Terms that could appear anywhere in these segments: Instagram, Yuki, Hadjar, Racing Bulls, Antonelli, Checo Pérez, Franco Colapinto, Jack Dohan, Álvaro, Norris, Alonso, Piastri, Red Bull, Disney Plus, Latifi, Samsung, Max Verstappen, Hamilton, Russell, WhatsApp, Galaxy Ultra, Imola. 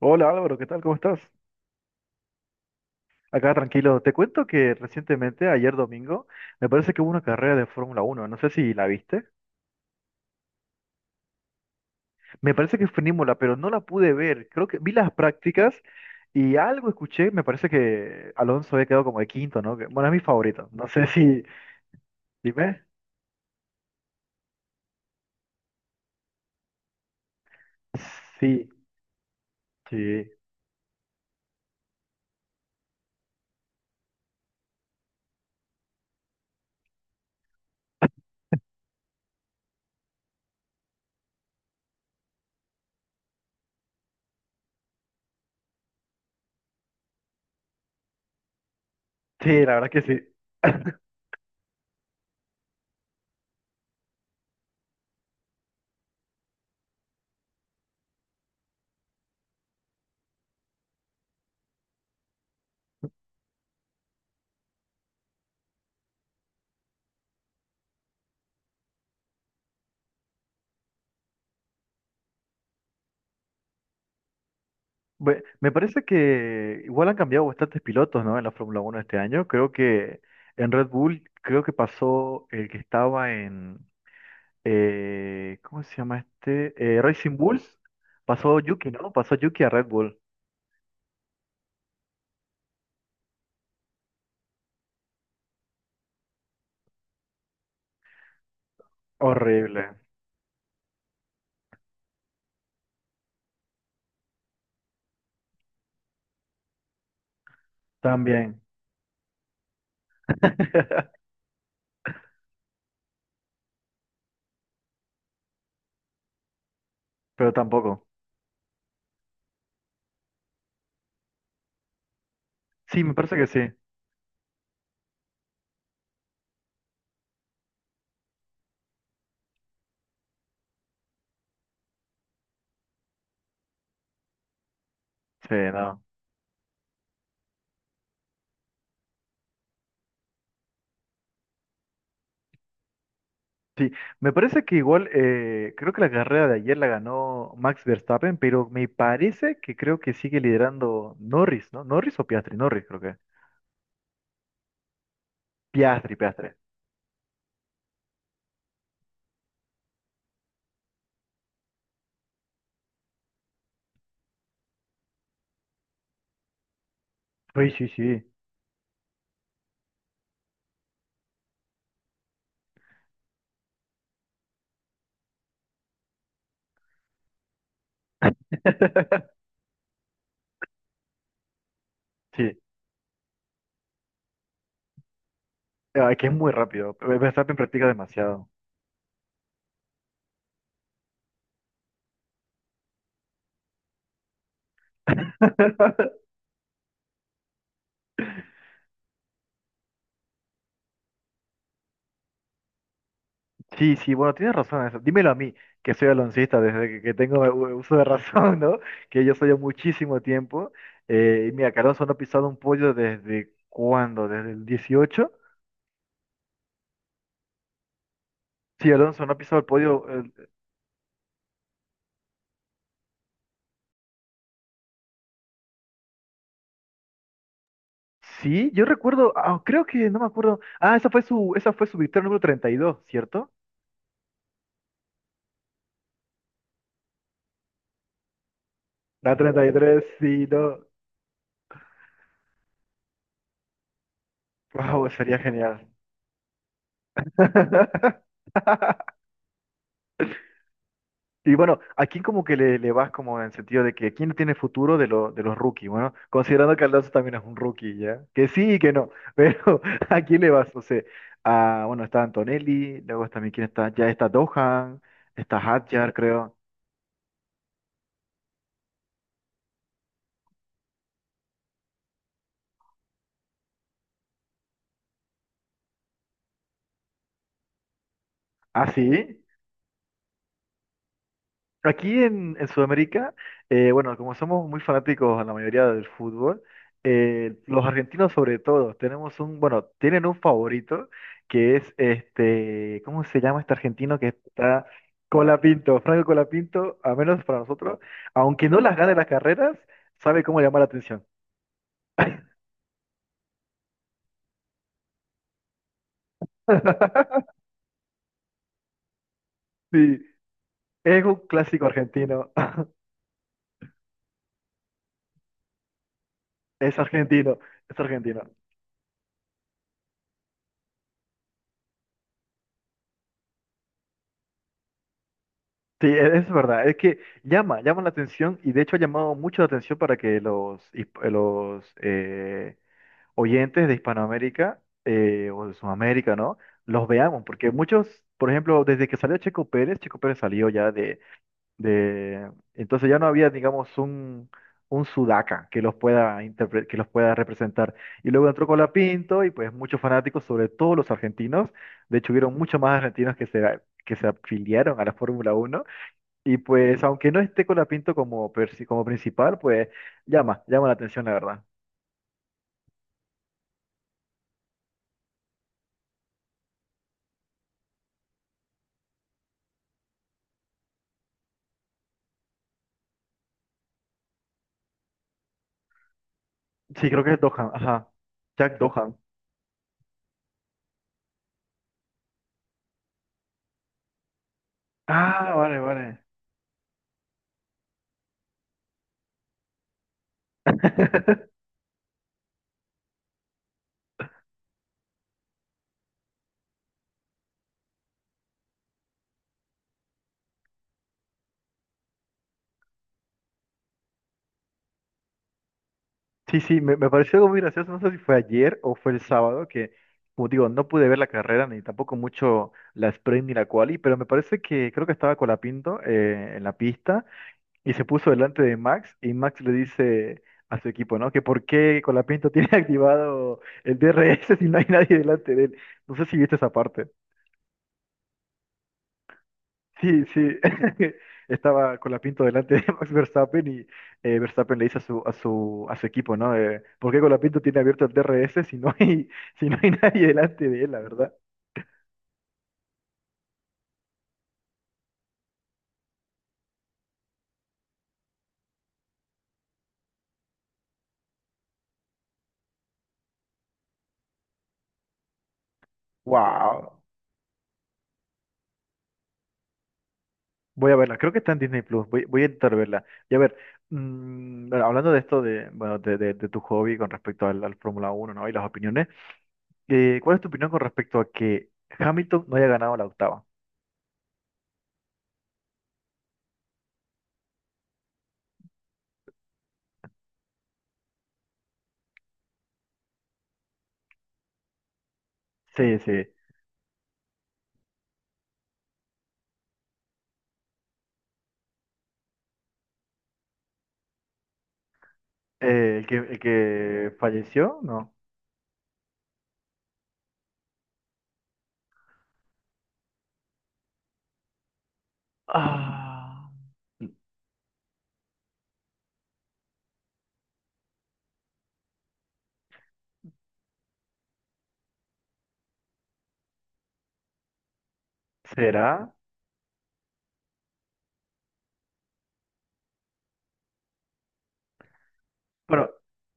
Hola Álvaro, ¿qué tal? ¿Cómo estás? Acá tranquilo. Te cuento que recientemente, ayer domingo, me parece que hubo una carrera de Fórmula Uno. No sé si la viste. Me parece que fue en Imola, pero no la pude ver. Creo que vi las prácticas y algo escuché. Me parece que Alonso había quedado como de quinto, ¿no? Bueno, es mi favorito. No sé si. Dime. Sí, sí. Sí, la verdad que sí. Me parece que igual han cambiado bastantes pilotos, ¿no? En la Fórmula Uno este año. Creo que en Red Bull, creo que pasó el que estaba en. ¿Cómo se llama este? Racing Bulls. Pasó Yuki, ¿no? Pasó Yuki a Red Bull. Horrible. También. Pero tampoco. Sí, me parece que sí. Sí, no. Sí, me parece que igual, creo que la carrera de ayer la ganó Max Verstappen, pero me parece que creo que sigue liderando Norris, ¿no? ¿Norris o Piastri? Norris, creo que. Piastri, Piastri. Sí, sí, sí. Sí, ah, que es muy rápido. Verstappen practica demasiado. Sí, sí, bueno, tienes razón en eso. Dímelo a mí, que soy aloncista desde que tengo uso de razón, ¿no? Que yo soy muchísimo tiempo. Y mira, que Alonso no ha pisado un pollo desde cuándo, desde el 18. Sí, Alonso no ha pisado el pollo. Sí, yo recuerdo, ah, creo que, no me acuerdo. Ah, esa fue su victoria número 32, ¿cierto? La 33, sí, no. Wow, sería genial. Y bueno, ¿a quién como que le vas como en el sentido de que quién no tiene futuro de los rookies? Bueno, considerando que Alonso también es un rookie, ¿ya? Que sí y que no, pero ¿a quién le vas? No sé, bueno, está Antonelli, luego también quién está, ya está Dohan, está Hadjar, creo. ¿Ah, sí? Aquí en Sudamérica, bueno, como somos muy fanáticos a la mayoría del fútbol, los argentinos sobre todo, tenemos un, bueno, tienen un favorito que es este, ¿cómo se llama este argentino que está Colapinto, Franco Colapinto, a menos para nosotros, aunque no las gane las carreras, sabe cómo llamar la atención. Sí, es un clásico argentino, es argentino, es argentino. Sí, es verdad, es que llama la atención y de hecho ha llamado mucho la atención para que los oyentes de Hispanoamérica o de Sudamérica, ¿no? Los veamos, porque muchos, por ejemplo, desde que salió Checo Pérez, Checo Pérez salió ya de, entonces ya no había, digamos, un sudaca que los pueda representar. Y luego entró Colapinto y pues muchos fanáticos, sobre todo los argentinos, de hecho hubieron muchos más argentinos que se afiliaron a la Fórmula Uno. Y pues, aunque no esté Colapinto como principal, pues llama la atención, la verdad. Sí, creo que es Dohan, ajá. Jack Dohan. Ah, vale, vale. Sí, sí, me pareció algo muy gracioso. No sé si fue ayer o fue el sábado, que, como digo, no pude ver la carrera ni tampoco mucho la sprint ni la quali, pero me parece que creo que estaba Colapinto en la pista. Y se puso delante de Max y Max le dice a su equipo, ¿no? Que por qué Colapinto tiene activado el D R S si no hay nadie delante de él. No sé si viste esa parte. Sí, sí. Estaba Colapinto delante de Max Verstappen y Verstappen le dice a su equipo, ¿no? ¿Por qué Colapinto tiene abierto el D R S si no hay nadie delante de él, la verdad? ¡Wow! Voy a verla, creo que está en Disney Plus, voy a intentar verla. Y a ver, bueno, hablando de esto de, bueno, de tu hobby con respecto al Fórmula Uno, ¿no? Y las opiniones, ¿cuál es tu opinión con respecto a que Hamilton no haya ganado la octava? Sí, sí. El que falleció, ¿no? Ah, ¿será? Bueno,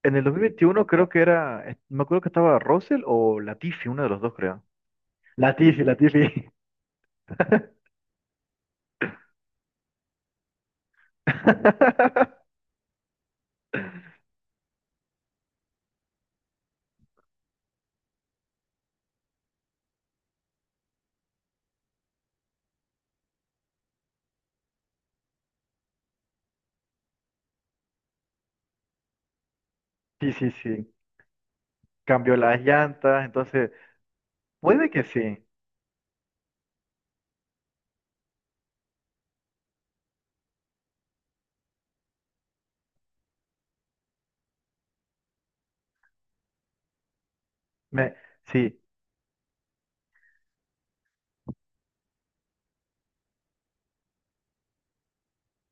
en el 2021 creo que era, me acuerdo que estaba Russell o Latifi, uno de los dos creo. Latifi, Latifi. Sí, sí, sí. Cambió las llantas, entonces puede que sí. Me, sí,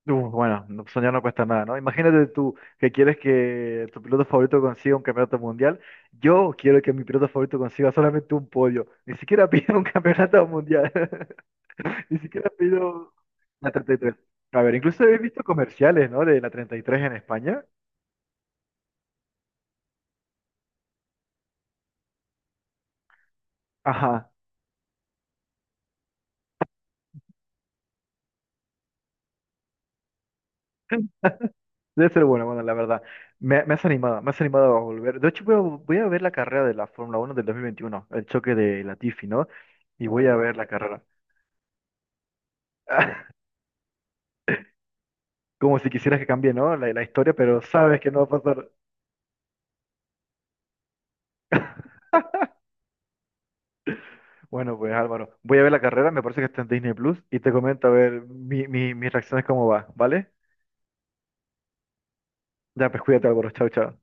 Bueno, soñar no cuesta nada, ¿no? Imagínate tú que quieres que tu piloto favorito consiga un campeonato mundial. Yo quiero que mi piloto favorito consiga solamente un podio. Ni siquiera pido un campeonato mundial. Ni siquiera pido la 33. A ver, incluso he visto comerciales, ¿no? De la 33 en España. Ajá. Debe ser bueno, bueno, la verdad. Me has animado, me has animado a volver. De hecho, voy a ver la carrera de la Fórmula Uno del 2021, el choque de Latifi, ¿no? Y voy a ver la carrera. Como si quisieras que cambie, ¿no? La historia, pero sabes que no va a pasar. Bueno, pues Álvaro, voy a ver la carrera, me parece que está en Disney Plus, y te comento a ver mis reacciones cómo va, ¿vale? Ya, pues cuídate, Álvaro, chao, chao.